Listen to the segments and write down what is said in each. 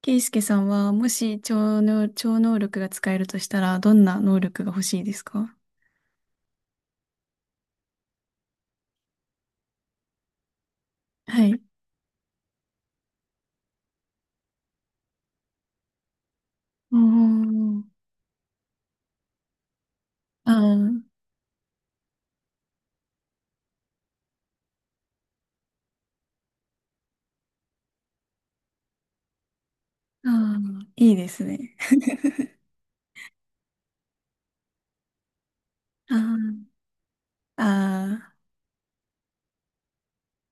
ケイスケさんは、もし超能力が使えるとしたら、どんな能力が欲しいですか？はい。うーん。ああ、ああ、いいですね。ああ、ああ、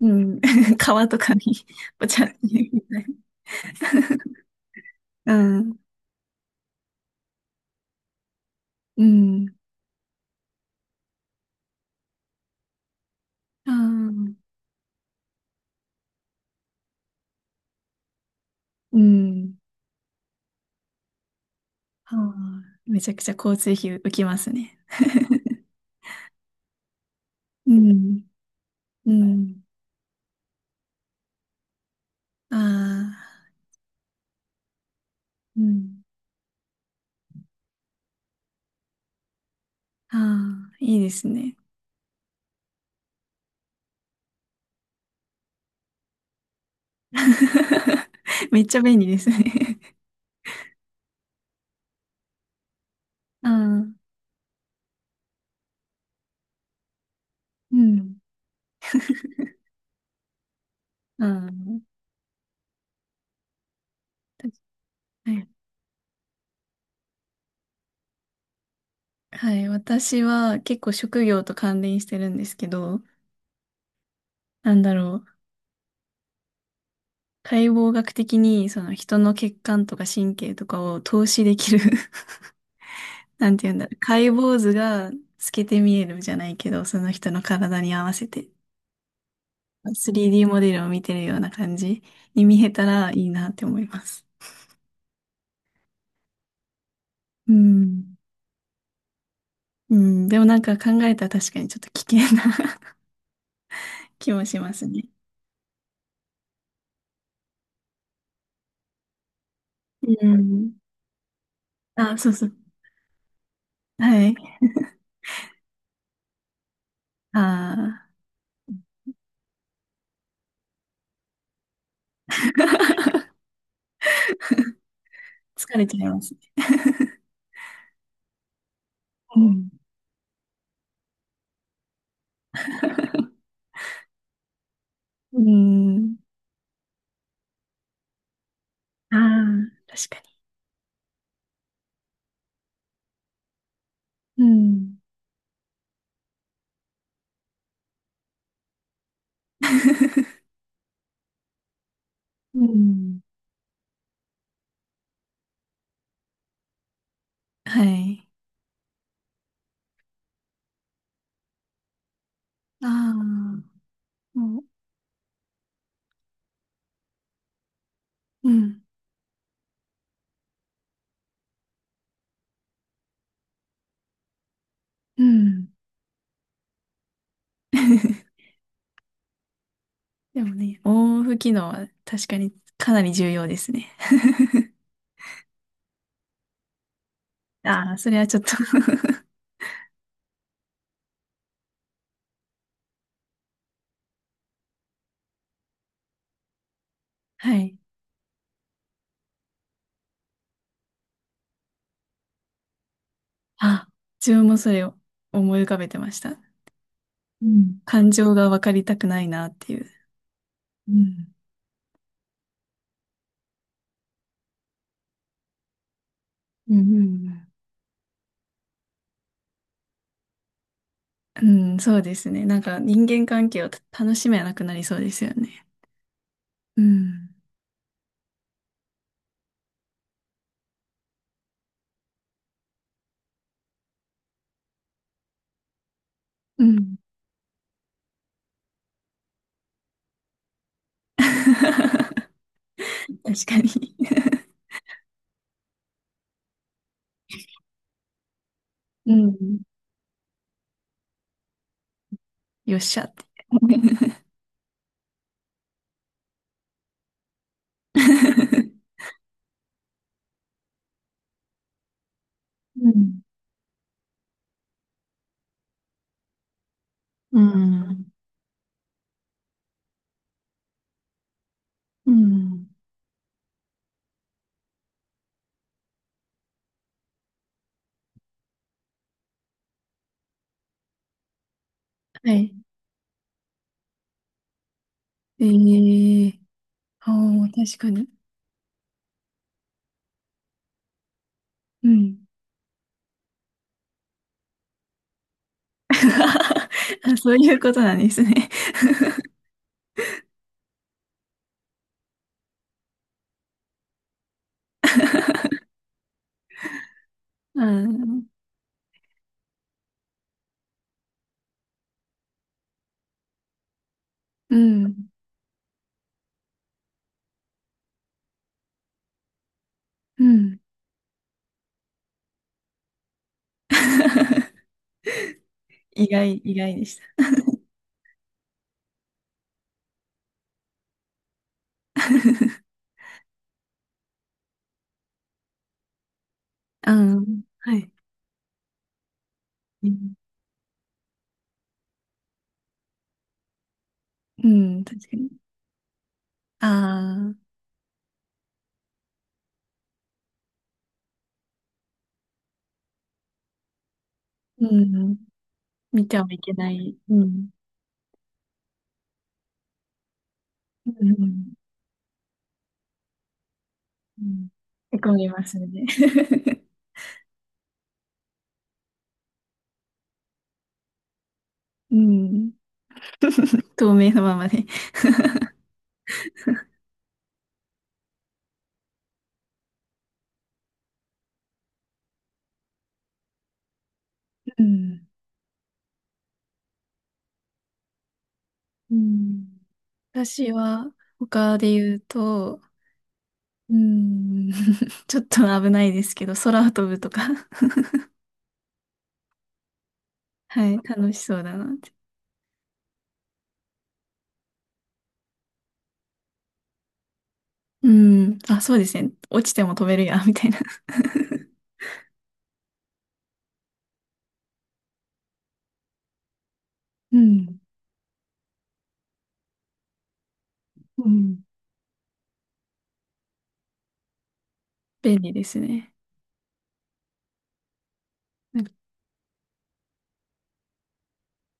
うん。川とかに、ぽちゃって入れみたい。うん、うん、ああ、うん。ああ、めちゃくちゃ交通費浮きますね。うん、うん、ああ、うん、ああ、いいですね。めっちゃ便利ですね。ああ、うん。ああ、たはい。はい。私は結構職業と関連してるんですけど、なんだろう。解剖学的にその人の血管とか神経とかを透視できる。 なんて言うんだろう。解剖図が透けて見えるじゃないけど、その人の体に合わせて 3D モデルを見てるような感じに見えたらいいなって思います。うん。うん。でもなんか考えたら確かにちょっと危険な 気もしますね。うん。あ、そうそう。はい。ああ、疲れちゃいますね。うん。うん。ああ、確かに。うん。うん。はい。ああ、もう、うん。うん。でもね、オンオフ機能は確かにかなり重要ですね。ああ、それはちょっと。 はい。あ、自分もそれを思い浮かべてました。うん。感情が分かりたくないなっていう。うん。うんうんうん。うん、そうですね。なんか人間関係を楽しめなくなりそうですよね。うん。うん。確かに。うん。よっしゃって。うん。うん。うん。はい。ええ。ああー、確かに。うん。あ、そういうことなんですね。うん。うん。うん。意外でした。うん。はい。うん、うん、確かに。ああ、うん。見てはいけない。うん。うん。うん。へこみますね。うん。透明のままで。うん。うん。私は、他で言うと、うん。ちょっと危ないですけど、空を飛ぶとか。はい。楽しそうだなって。うん。あ、そうですね。落ちても飛べるや、みたいな。うん。うん。便利ですね。なんか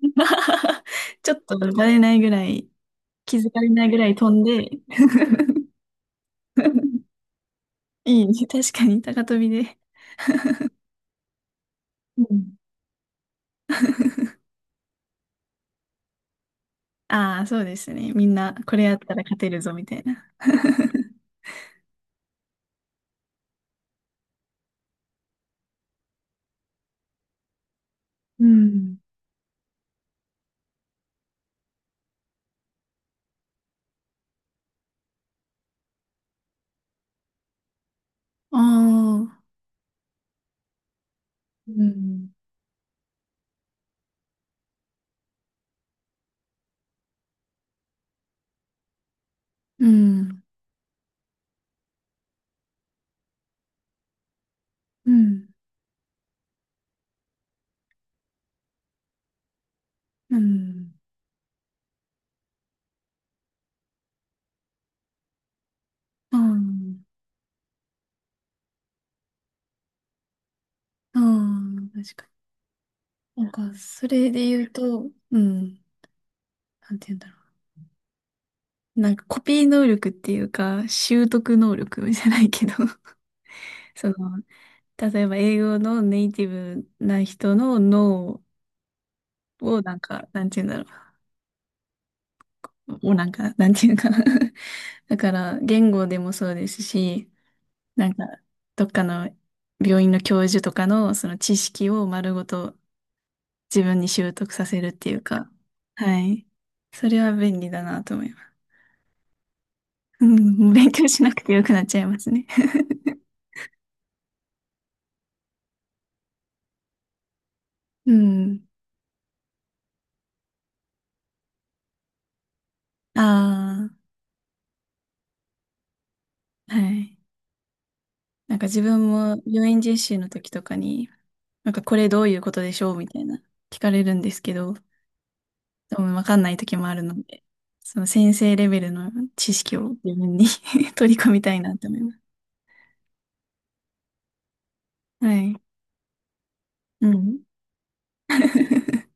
ちょっと慣れないぐらい気づかれないぐらい飛んで。いいね。確かに、高飛びで。うん。ああ、そうですね。みんな、これやったら勝てるぞ、みたいな。うん。ああ、うん。うん、うん。うん。ああ、ああ、確かに。なんか、それで言うと、うん、なんて言うんだろう。なんか、コピー能力っていうか、習得能力じゃないけど、その、例えば英語のネイティブな人の脳をなんか、なんて言うんだろう。をなんか、なんて言うのかな。だから、言語でもそうですし、なんか、どっかの病院の教授とかのその知識を丸ごと自分に習得させるっていうか、はい。それは便利だなと思います。うん、勉強しなくてよくなっちゃいますね。うん。ああ、はい。なんか自分も病院実習の時とかに、なんかこれどういうことでしょうみたいな聞かれるんですけど、でもわかんない時もあるので、その先生レベルの知識を自分に 取り込みたいなと思います。はい。うん。